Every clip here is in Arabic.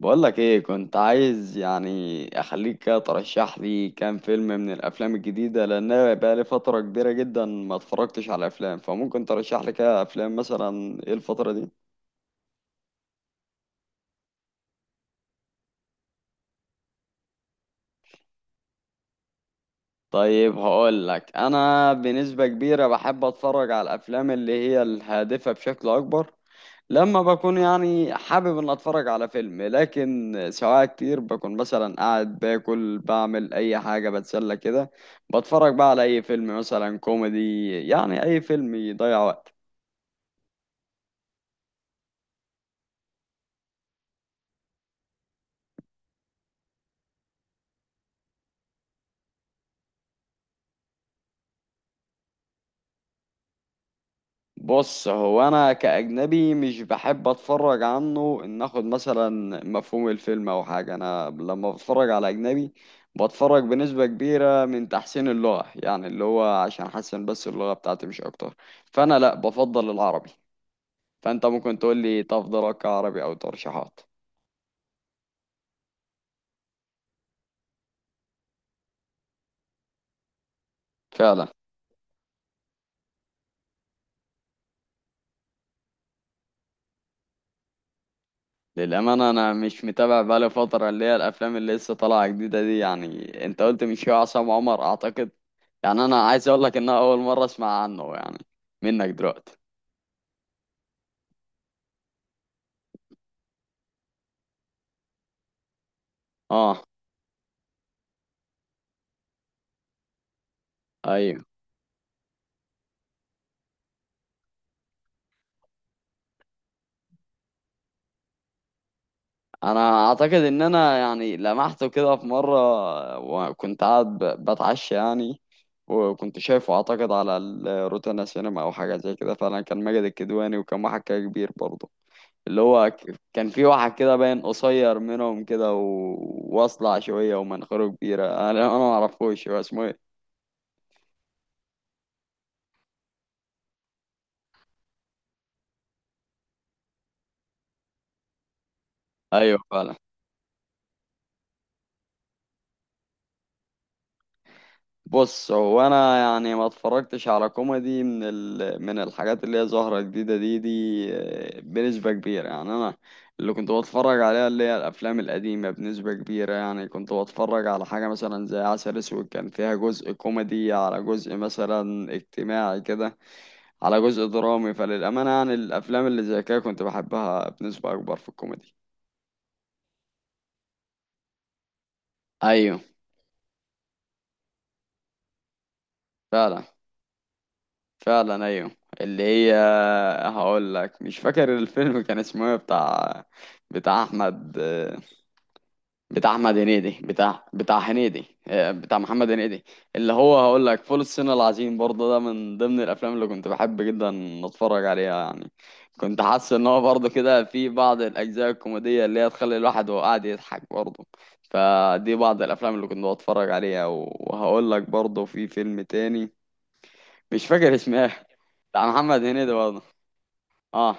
بقولك ايه كنت عايز يعني اخليك كده ترشح لي كام فيلم من الافلام الجديده، لان انا بقالي فتره كبيره جدا ما اتفرجتش على افلام، فممكن ترشح لي كده افلام مثلا ايه الفتره دي. طيب هقولك، انا بنسبه كبيره بحب اتفرج على الافلام اللي هي الهادفه بشكل اكبر. لما بكون يعني حابب ان اتفرج على فيلم، لكن سواء كتير بكون مثلا قاعد باكل بعمل اي حاجة بتسلى كده، بتفرج بقى على اي فيلم مثلا كوميدي، يعني اي فيلم يضيع وقت. بص، هو انا كاجنبي مش بحب اتفرج عنه ان اخد مثلا مفهوم الفيلم او حاجة. انا لما بتفرج على اجنبي بتفرج بنسبة كبيرة من تحسين اللغة، يعني اللي هو عشان احسن بس اللغة بتاعتي، مش اكتر. فانا لا، بفضل العربي، فانت ممكن تقول لي افضل اقرا عربي او ترشيحات. فعلا، للامانه انا مش متابع بقالي فتره اللي هي الافلام اللي لسه طالعه جديده دي. يعني انت قلت من شويه عصام عمر اعتقد، يعني انا عايز اقول لك ان أنا اول مره اسمع عنه يعني، منك دلوقتي. اه، ايوه. انا اعتقد ان انا يعني لمحته كده في مره، وكنت قاعد بتعشى يعني، وكنت شايفه اعتقد على الروتانا سينما او حاجه زي كده. فعلا كان ماجد الكدواني وكان واحد كده كبير برضه، اللي هو كان في واحد كده باين قصير منهم كده و... واصلع شوية ومناخيره كبيرة، انا ما اعرفوش هو اسمه ايه. ايوه فعلا. بص هو انا يعني ما اتفرجتش على كوميدي من من الحاجات اللي هي ظاهرة جديدة دي. بنسبة كبيرة يعني انا اللي كنت بتفرج عليها اللي هي الافلام القديمة، بنسبة كبيرة يعني كنت بتفرج على حاجة مثلا زي عسل اسود. كان فيها جزء كوميدي على جزء مثلا اجتماعي كده، على جزء درامي. فللأمانة يعني الأفلام اللي زي كده كنت بحبها بنسبة أكبر في الكوميدي. أيوه فعلا. فعلا أيوه. اللي هي، هقول لك مش فاكر الفيلم كان اسمه إيه، بتاع بتاع أحمد، بتاع احمد هنيدي، بتاع هنيدي، بتاع محمد هنيدي. اللي هو هقول لك فول الصين العظيم برضه، ده من ضمن الافلام اللي كنت بحب جدا اتفرج عليها يعني. كنت حاسس ان هو برضه كده في بعض الاجزاء الكوميديه اللي هي تخلي الواحد وهو قاعد يضحك برضه. فدي بعض الافلام اللي كنت بتفرج عليها، وهقول لك برضه في فيلم تاني مش فاكر اسمه إيه، بتاع محمد هنيدي برضه. اه،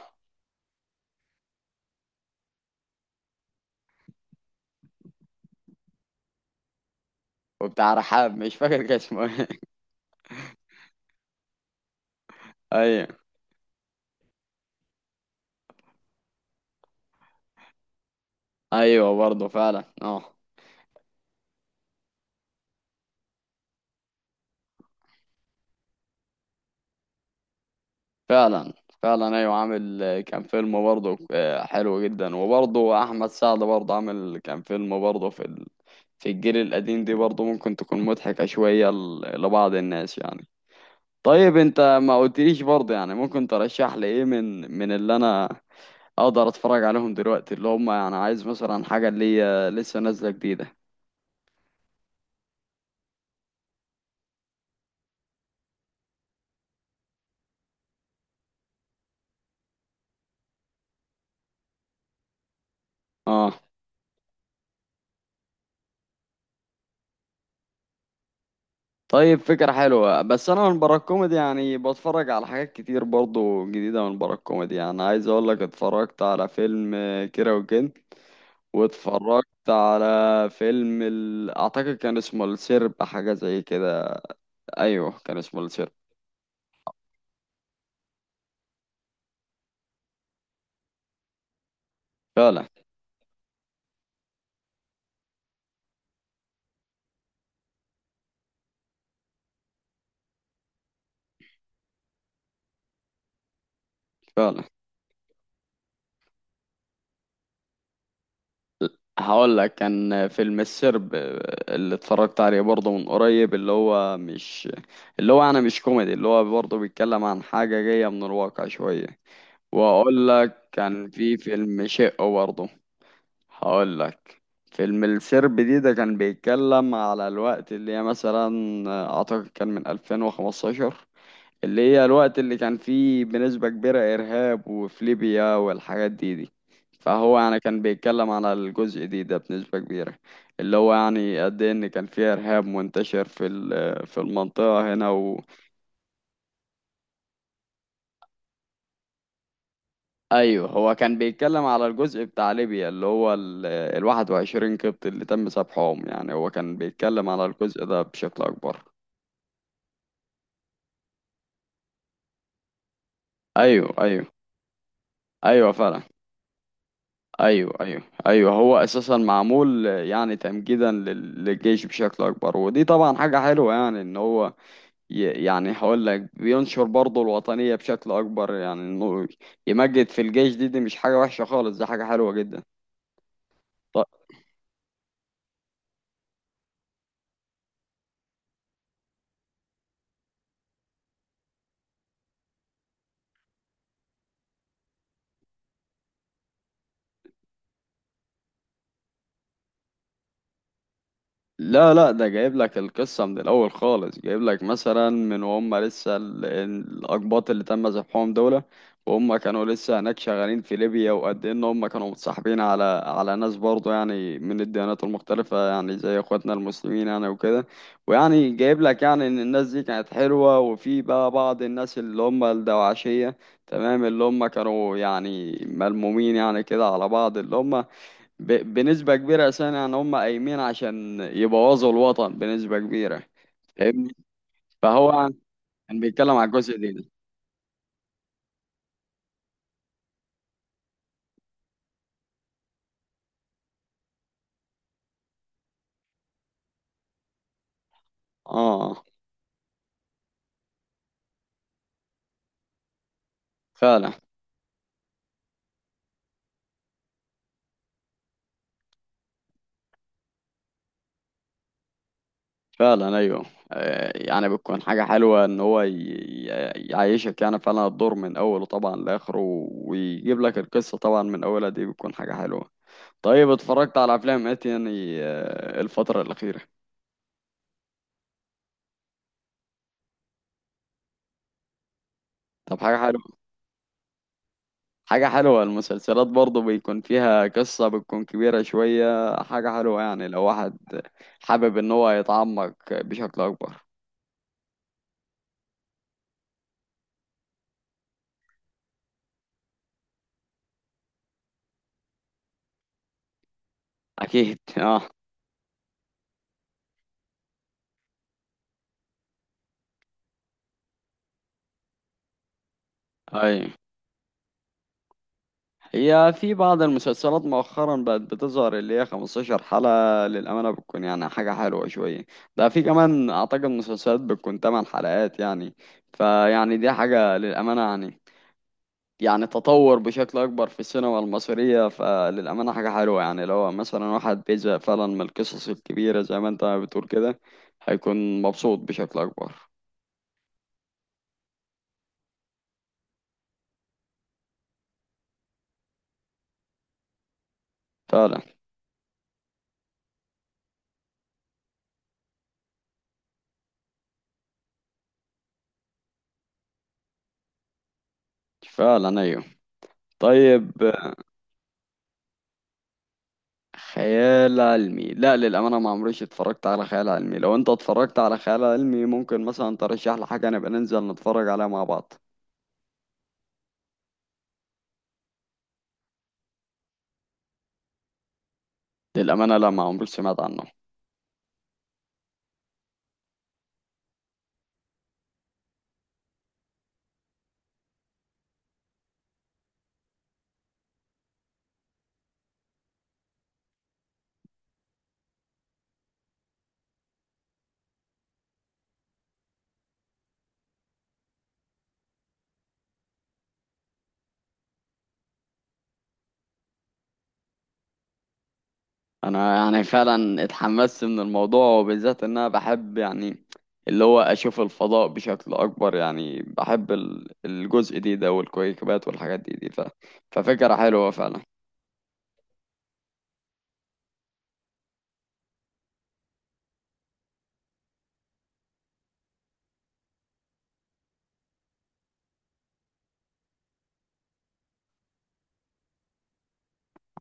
وبتاع رحاب مش فاكر كان اسمه ايه. ايوه. ايوه برضه فعلا اه. فعلا، فعلا ايوه. عامل كان فيلم برضه حلو جدا، وبرضه احمد سعد برضه عامل كان فيلم برضه في في الجيل القديم دي، برضه ممكن تكون مضحكة شوية لبعض الناس يعني. طيب انت ما قلتليش برضه يعني ممكن ترشح لي ايه من اللي انا اقدر اتفرج عليهم دلوقتي، اللي هم يعني عايز مثلا حاجة اللي هي لسه نازلة جديدة. اه. طيب فكرة حلوة، بس أنا من برا الكوميدي يعني بتفرج على حاجات كتير برضو جديدة من برا الكوميدي. يعني عايز أقول لك اتفرجت على فيلم كيرة والجن، واتفرجت على فيلم أعتقد كان اسمه السرب، حاجة زي كده. أيوه كان اسمه السرب. فعلا. فعلا هقول لك كان فيلم السرب، اللي اتفرجت عليه برضه من قريب اللي هو مش، اللي هو أنا مش كوميدي، اللي هو برضه بيتكلم عن حاجة جاية من الواقع شوية. واقول لك كان في فيلم شقه برضه. هقول لك فيلم السرب دي ده كان بيتكلم على الوقت اللي هي مثلا اعتقد كان من 2015، اللي هي الوقت اللي كان فيه بنسبة كبيرة ارهاب وفي ليبيا والحاجات دي. فهو يعني كان بيتكلم على الجزء دي ده بنسبة كبيرة، اللي هو يعني قد ايه ان كان فيه ارهاب منتشر في في المنطقة هنا. ايوه، هو كان بيتكلم على الجزء بتاع ليبيا اللي هو ال 21 قبط اللي تم سبحهم. يعني هو كان بيتكلم على الجزء ده بشكل اكبر. ايوه ايوه. ايوه فعلا. ايوه ايوه. ايوه، هو اساسا معمول يعني تمجيدا للجيش بشكل اكبر، ودي طبعا حاجه حلوه يعني ان هو يعني هقول لك بينشر برضه الوطنيه بشكل اكبر، يعني انه يمجد في الجيش. دي دي مش حاجه وحشه خالص، دي حاجه حلوه جدا. لا لا، ده جايب لك القصة من الأول خالص. جايب لك مثلا من وهم لسه الأقباط اللي تم ذبحهم دول، وهم كانوا لسه هناك شغالين في ليبيا، وقد إيه إن هم كانوا متصاحبين على على ناس برضه يعني من الديانات المختلفة، يعني زي إخواتنا المسلمين يعني وكده. ويعني جايب لك يعني إن الناس دي كانت حلوة، وفي بقى بعض الناس اللي هم الدواعشية. تمام، اللي هم كانوا يعني ملمومين يعني كده على بعض، اللي هم بنسبة كبيرة أساسا يعني هم قايمين عشان يبوظوا الوطن بنسبة كبيرة. فاهمني. فهو عن- كان بيتكلم على الجزء ده ده. اه فعلا. فعلا أيوه. يعني بتكون حاجة حلوة إن هو يعيشك يعني فعلا الدور من أوله طبعا لآخره، ويجيب لك القصة طبعا من أولها. دي بتكون حاجة حلوة. طيب اتفرجت على أفلام إيه تاني الفترة الأخيرة؟ طب حاجة حلوة. حاجة حلوة، المسلسلات برضه بيكون فيها قصة بتكون كبيرة شوية. حاجة حلوة يعني لو واحد حابب ان هو يتعمق بشكل اكبر. اكيد اه. اي، هي في بعض المسلسلات مؤخرا بقت بتظهر اللي هي 15 حلقة، للأمانة بتكون يعني حاجة حلوة شوية. ده في كمان أعتقد مسلسلات بتكون 8 حلقات يعني. فيعني دي حاجة للأمانة يعني، يعني تطور بشكل أكبر في السينما المصرية. فللأمانة حاجة حلوة يعني لو مثلا واحد بيزهق فعلا من القصص الكبيرة زي ما أنت بتقول كده، هيكون مبسوط بشكل أكبر. فعلا. فعلا أيوه. طيب. خيال علمي لا، للأمانة ما عمريش اتفرجت على خيال علمي. لو أنت اتفرجت على خيال علمي ممكن مثلا ترشح لي حاجة نبقى ننزل نتفرج عليها مع بعض. للأمانة لا، ما عمري سمعت عنه. انا يعني فعلا اتحمست من الموضوع، وبالذات ان انا بحب يعني اللي هو اشوف الفضاء بشكل اكبر، يعني بحب الجزء دي ده والكويكبات والحاجات دي ف... ففكرة حلوة فعلا.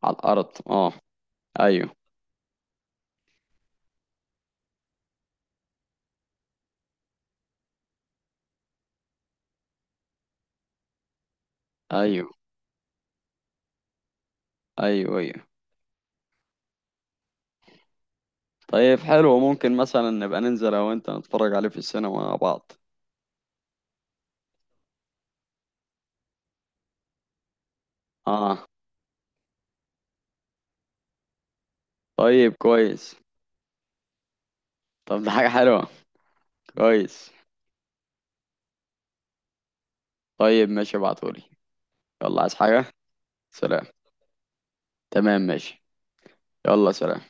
على الارض اه. ايوه. ايوه ايوه. ايوه طيب حلو، ممكن مثلا نبقى ننزل انا وانت نتفرج عليه في السينما مع بعض. اه طيب كويس. طب ده حاجة حلوة. كويس. طيب ماشي ابعتهولي. يلا عايز حاجة؟ سلام. تمام ماشي. يلا سلام.